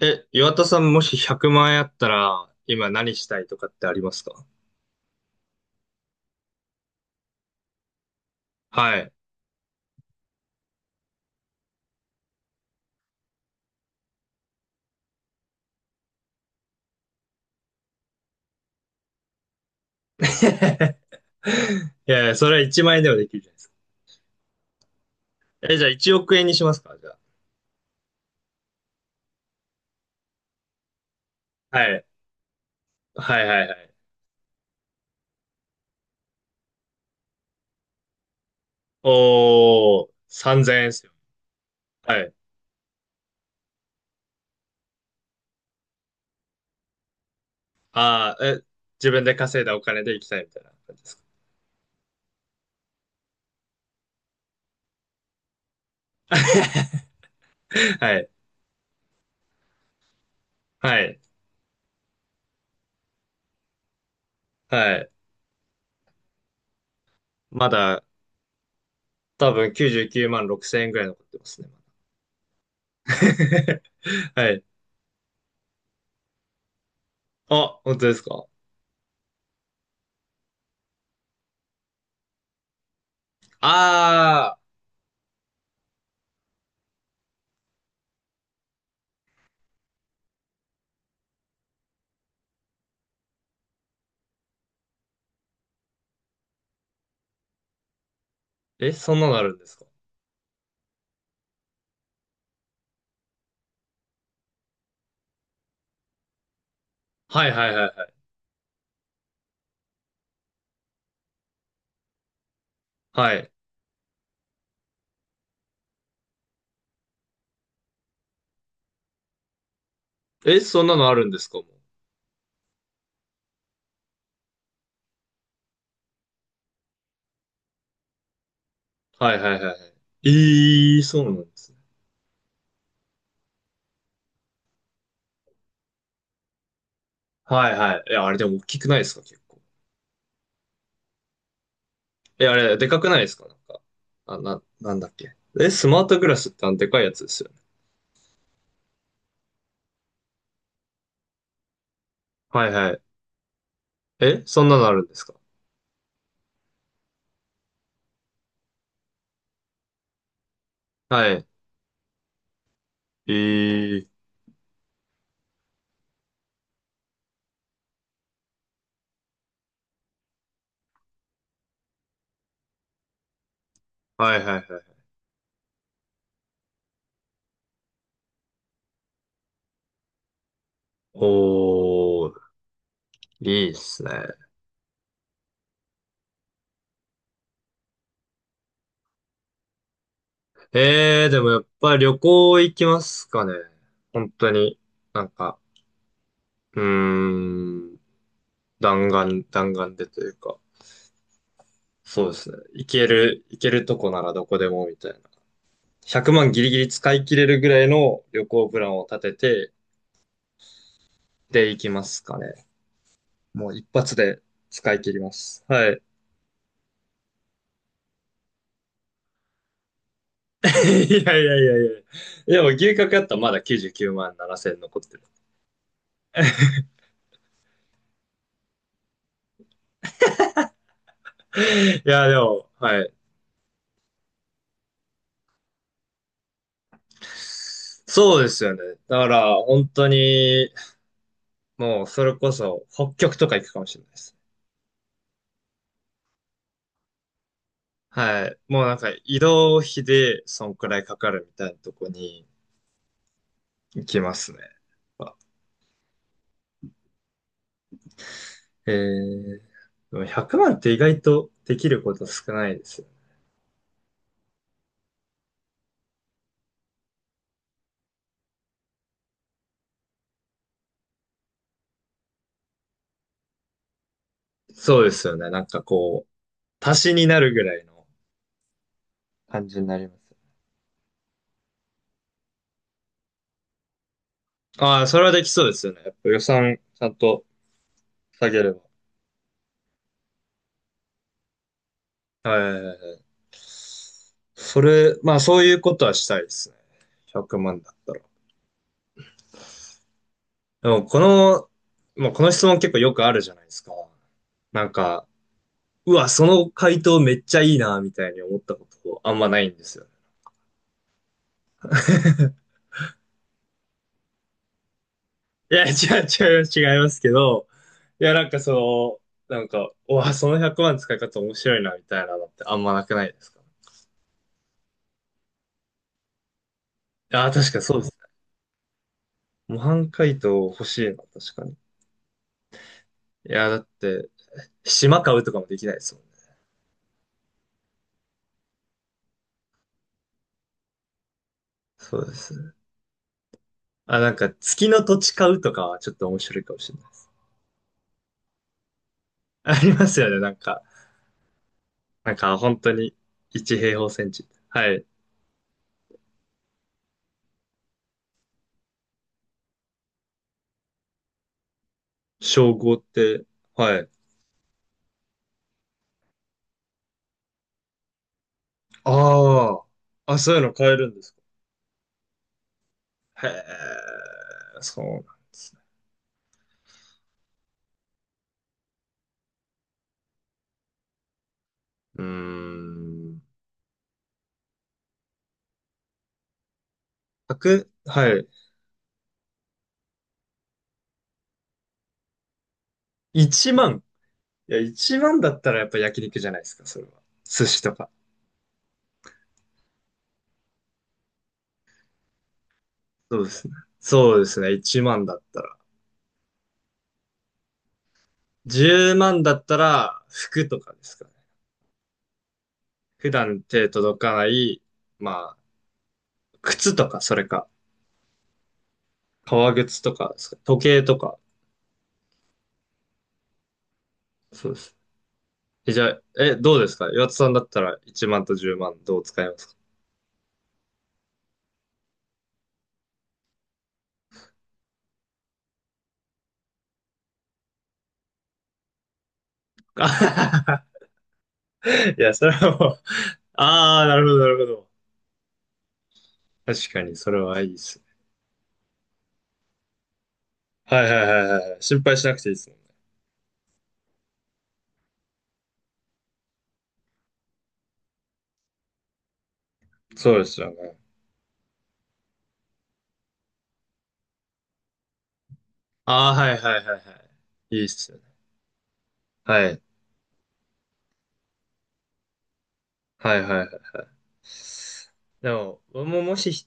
え、岩田さん、もし100万円あったら、今何したいとかってありますか？はい。いやいや、それは1万円ではできるじゃないですか。え、じゃあ1億円にしますかじゃあ。はい。はいはいはい。おー、3000円ですよ。はい。ああ、え、自分で稼いだお金で行きたいみたいな感じですか。はい。はい。はい。まだ、多分99万6000円ぐらい残ってますね。はい。あ、本当ですか？ああー、え、そんなのあるんですか？はいはいはいはい。はい。え、そんなのあるんですかもう。はいはいはいはい。そうなんですね。はいはい。え、あれでも大きくないですか結構。え、あれ、でかくないですかなんか。あ、なんだっけ。え、スマートグラスってあのでかいやつですよね。はいはい。え、そんなのあるんですか？はい。えー、はいはいはい。おー、いいっすね。でもやっぱり旅行行きますかね。本当に、なんか、うーん、弾丸でというか。そうですね。いけるとこならどこでもみたいな。100万ギリギリ使い切れるぐらいの旅行プランを立てて、で行きますかね。もう一発で使い切ります。はい。いやいやいやいや。いや、もう牛角やったらまだ99万7千残ってる。いや、でも、はい。そうですよね。だから、本当に、もう、それこそ、北極とか行くかもしれないです。はい。もうなんか、移動費で、そんくらいかかるみたいなとこに行きますね。えー、でも100万って意外とできること少ないですよね。そうですよね。なんかこう、足しになるぐらいの感じになります。ああ、それはできそうですよね。やっぱ予算ちゃんと下げれば。はいはいはいはい。それ、まあそういうことはしたいですね。100万だったら。でもこの、まあこの質問結構よくあるじゃないですか。なんか、うわ、その回答めっちゃいいな、みたいに思ったことあんまないんですよ。いや、違いますけど、いや、なんかその、なんか、うわ、その100万使い方面白いな、みたいなのってあんまなくないですか？ああー、確かにそうですね。模範解答欲しいな、確かに。いや、だって、島買うとかもできないですもんね。そうですね。あ、なんか、月の土地買うとかはちょっと面白いかもしれないです。ありますよね、なんか。なんか、本当に、1平方センチ。はい。称号って、はい。ああ、あ、そういうの買えるんですか？へえ、そうなんです。うーん。100、はい。1万。いや、1万だったらやっぱ焼肉じゃないですか、それは。寿司とか。そうですね。そうですね。1万だったら。10万だったら、服とかですかね。普段手届かない、まあ、靴とか、それか。革靴とかですか。時計とか。そうです。え、じゃあ、え、どうですか岩田さんだったら1万と10万どう使いますか？あははは。 いや、それはもう、ああ、なるほど、なるほど。確かに、それはいいです。はいはいはいはいはい。心配しなくていいですもんね。そうですよね。ああ、はいはいはいはい。いいっすよね。はい。はいはいはい。でも、僕ももし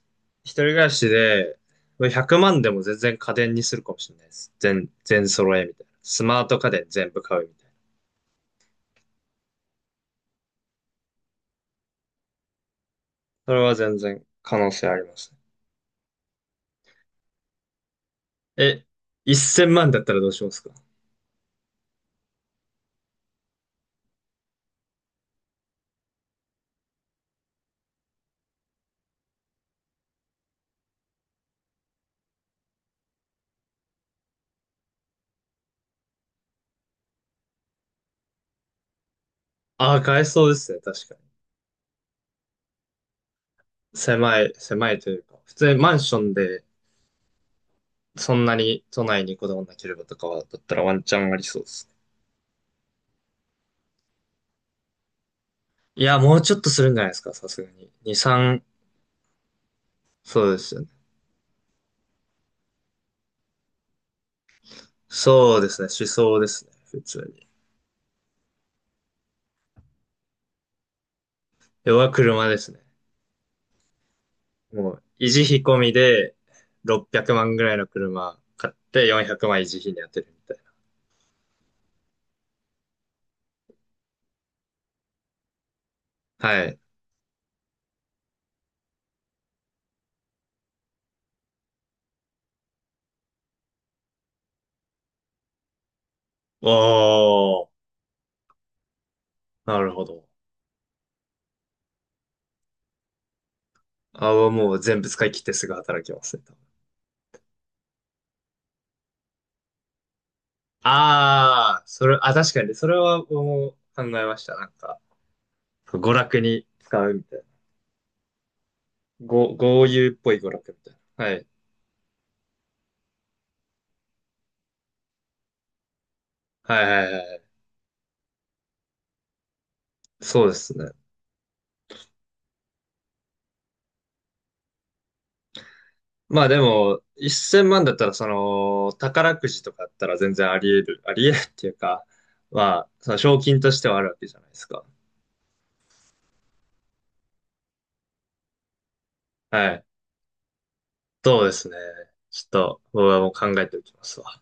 一人暮らしで、100万でも全然家電にするかもしれないです。全揃えみたいな。スマート家電全部買うみたいな。それは全然可能性ありますね。え、1000万だったらどうしますか？ああー、買えそうですね。確かに。狭いというか。普通にマンションでそんなに都内にこだわらなければとかは、だったらワンチャンありそうですね。いや、もうちょっとするんじゃないですか、さすがに。2、3、そうですよね。そうですね、思想ですね、普通に。要は車ですね。もう、維持費込みで600万ぐらいの車買って400万維持費に当てるみたいな。はい。おー、なるほど。あ、もう全部使い切ってすぐ働きますね。多分。ああ、それ、あ、確かに、それはもう考えました。なんか、娯楽に使うみたいな。豪遊っぽい娯楽みたいな。はい。はいはいはい。そうですね。まあでも、1000万だったら、その、宝くじとかだったら全然あり得るっていうか、まあ、その賞金としてはあるわけじゃないですか。はい。そうですね。ちょっと、僕はもう考えておきますわ。